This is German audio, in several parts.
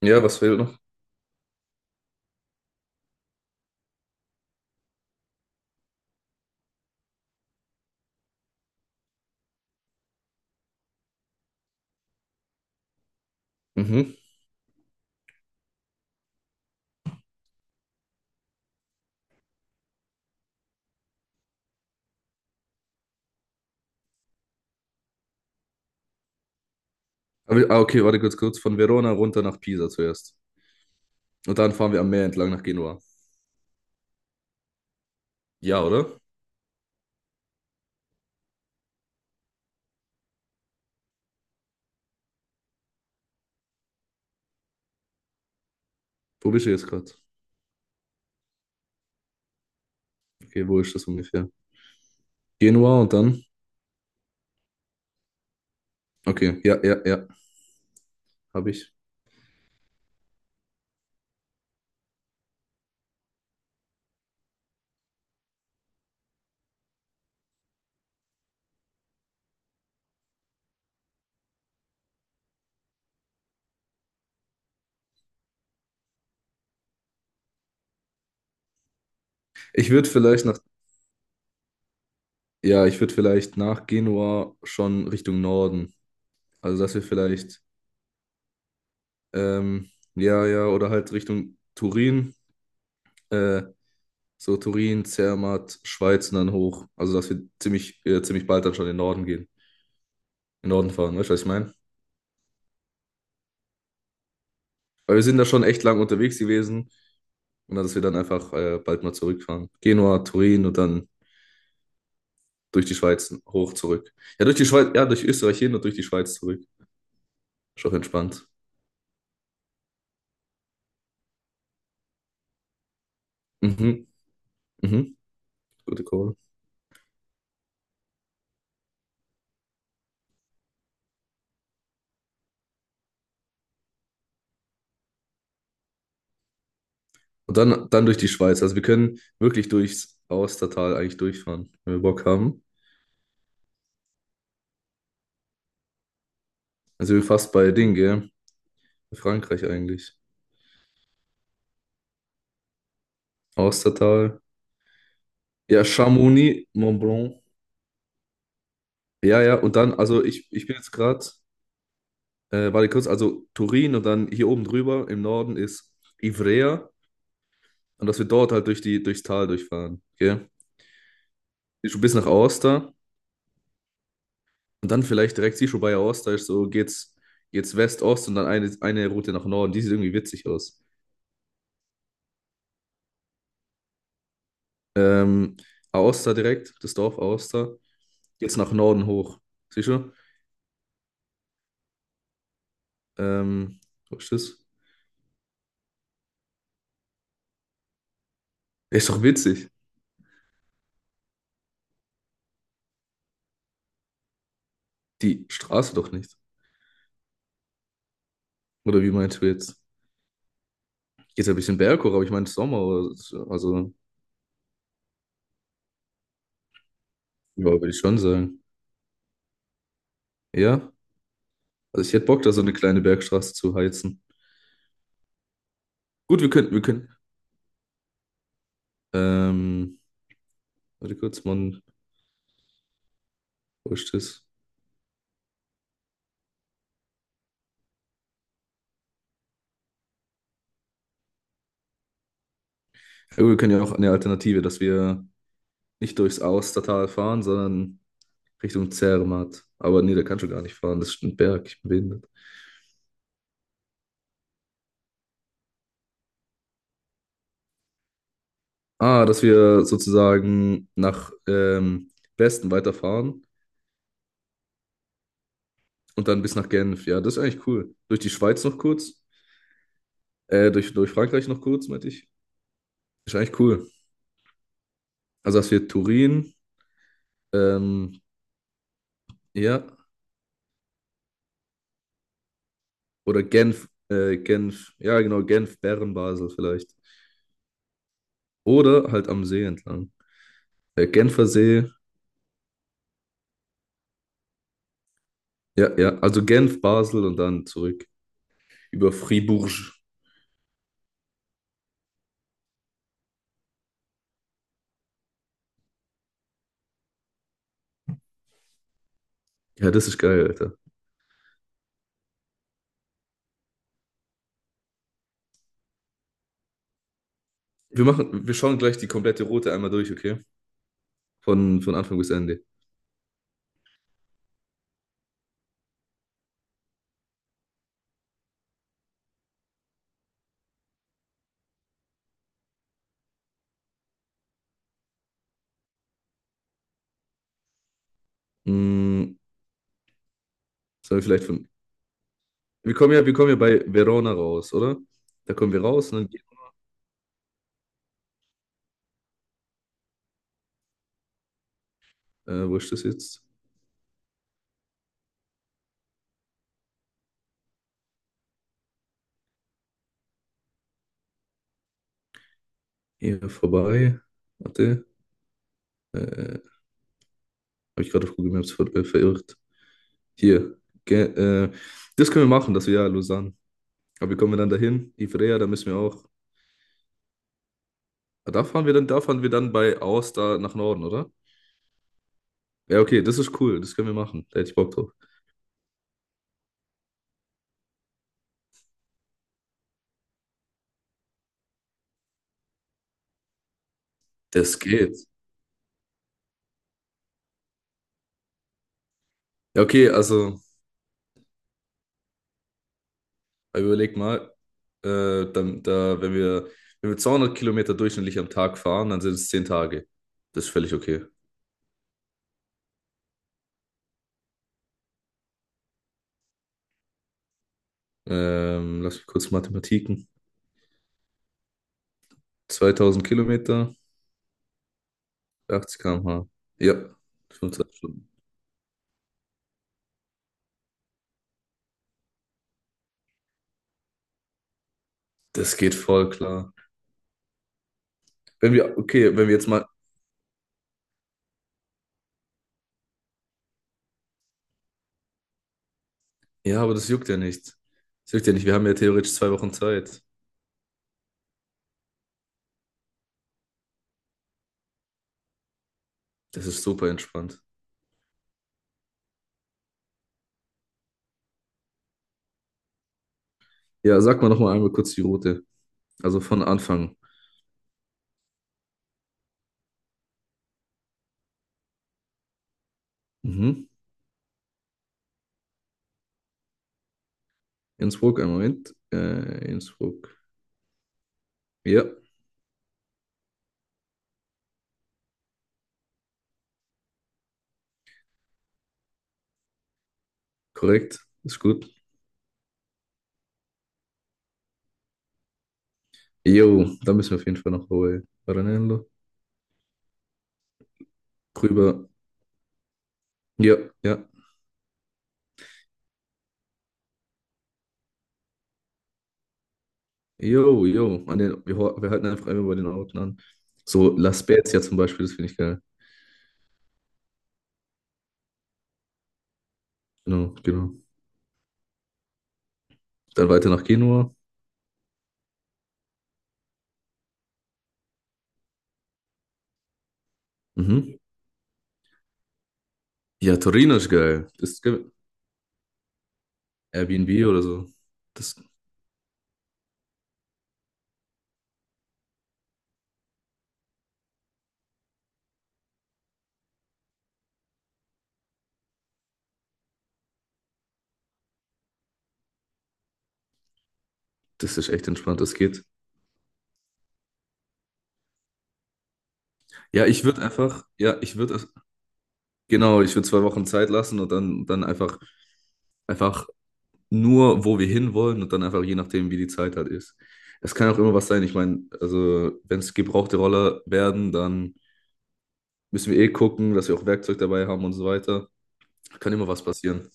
Ja, was fehlt noch? Mhm. Aber, wir- ah, okay, warte kurz, kurz. Von Verona runter nach Pisa zuerst. Und dann fahren wir am Meer entlang nach Genua. Ja, oder? Wo bist du jetzt gerade? Okay, wo ist das ungefähr? Genua und dann? Okay, ja, ja, ja, habe ich. Ich würde vielleicht nach, ja, ich würde vielleicht nach Genua schon Richtung Norden. Also, dass wir vielleicht, ähm, ja, ja, oder halt Richtung Turin, äh, so Turin, Zermatt, Schweiz und dann hoch. Also, dass wir ziemlich, ziemlich bald dann schon in den Norden gehen. In den Norden fahren, weißt du, was ich meine? Weil wir sind da schon echt lang unterwegs gewesen und dann, dass wir dann einfach bald mal zurückfahren. Genua, Turin und dann durch die Schweiz hoch zurück. Ja, durch die Schweiz, ja, durch Österreich hin und durch die Schweiz zurück. Ist auch entspannt. Mhm, mhm, gute Call. Und dann, dann durch die Schweiz. Also wir können wirklich durchs Austertal eigentlich durchfahren, wenn wir Bock haben. Also wir fast bei Ding, gell? Frankreich eigentlich. Austertal. Ja, Chamonix, Mont Blanc. Ja, ja, und dann, also ich bin jetzt gerade. Warte kurz, also Turin und dann hier oben drüber im Norden ist Ivrea und dass wir dort halt durch durchs Tal durchfahren. Okay? Schon bis nach Aosta und dann vielleicht direkt siehst du bei Aosta ist so geht's, geht's West-Ost und dann eine Route nach Norden. Die sieht irgendwie witzig aus. Ähm, Aosta direkt, das Dorf Aosta, geht's nach Norden hoch. Siehst du? Ähm, wo ist das? Ist doch witzig. Die Straße doch nicht. Oder wie meinst du jetzt? Geht's ein bisschen berghoch, aber ich meine Sommer, oder so. Also ja, würde ich schon sagen. Ja, also ich hätte Bock, da so eine kleine Bergstraße zu heizen. Gut, wir könnten, wir können. Ähm, warte kurz, Mann, wo ist das? Ja, gut, wir können ja auch eine Alternative, dass wir nicht durchs Austertal fahren, sondern Richtung Zermatt. Aber nee, der kann schon gar nicht fahren, das ist ein Berg, ich bin behindert. Ah, dass wir sozusagen nach Westen weiterfahren und dann bis nach Genf. Ja, das ist eigentlich cool. Durch die Schweiz noch kurz, durch, durch Frankreich noch kurz, meinte ich. Ist eigentlich cool. Also, dass wir Turin, ähm, ja. Oder Genf, Genf, ja genau, Genf, Bern, Basel vielleicht. Oder halt am See entlang. Genfer See, ja, ja, also Genf, Basel und dann zurück über Fribourg. Ja, das ist geil, Alter. Wir machen, wir schauen gleich die komplette Route einmal durch, okay? Von Anfang bis Ende. Mm, sollen wir vielleicht von. Wir kommen ja bei Verona raus, oder? Da kommen wir raus und dann. Wo ist das jetzt? Eher vorbei. Warte. Habe ich gerade auf Google Maps ver verirrt. Hier. Ge das können wir machen, das Jahr Lausanne. Aber wie kommen wir dann dahin? Ivrea, da müssen wir auch. Ah, da fahren wir dann, da fahren wir dann bei Aosta da nach Norden, oder? Ja, okay, das ist cool. Das können wir machen. Da hätte ich Bock drauf. Das geht. Ja, okay, also, aber überleg mal, dann, da, wenn wir, wenn wir 200 Kilometer durchschnittlich am Tag fahren, dann sind es 10 Tage. Das ist völlig okay. Lass mich kurz Mathematiken. 2000 Kilometer, 80 km/h. Ja, 25 Stunden. Das geht voll klar. Wenn wir, okay, wenn wir jetzt mal. Ja, aber das juckt ja nicht. Das juckt ja nicht. Wir haben ja theoretisch 2 Wochen Zeit. Das ist super entspannt. Ja, sag mal nochmal einmal kurz die Route. Also von Anfang. Mhm. Innsbruck, einen Moment. Innsbruck. Ja, korrekt. Ist gut. Jo, da müssen wir auf jeden Fall noch Hawaii. Ranello. Rüber. Ja, ja. Jo, jo. An den, wir, ho- wir halten einfach immer bei den Orten an. So La Spezia zum Beispiel, das finde ich geil. Genau, genau. Dann weiter nach Genua. Mhm. Ja, Torino ist geil. Das ist ge- Airbnb oder so. Das, das ist echt entspannt, das geht. Ja, ich würde einfach, ja, ich würde, genau, ich würde 2 Wochen Zeit lassen und dann, dann einfach, einfach nur, wo wir hinwollen und dann einfach je nachdem, wie die Zeit halt ist. Es kann auch immer was sein. Ich meine, also, wenn es gebrauchte Roller werden, dann müssen wir eh gucken, dass wir auch Werkzeug dabei haben und so weiter. Kann immer was passieren.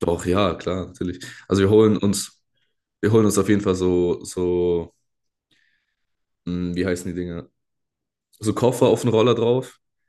Doch, ja, klar, natürlich. Also wir holen uns auf jeden Fall so, so, hm, wie heißen die Dinger? So Koffer auf den Roller drauf.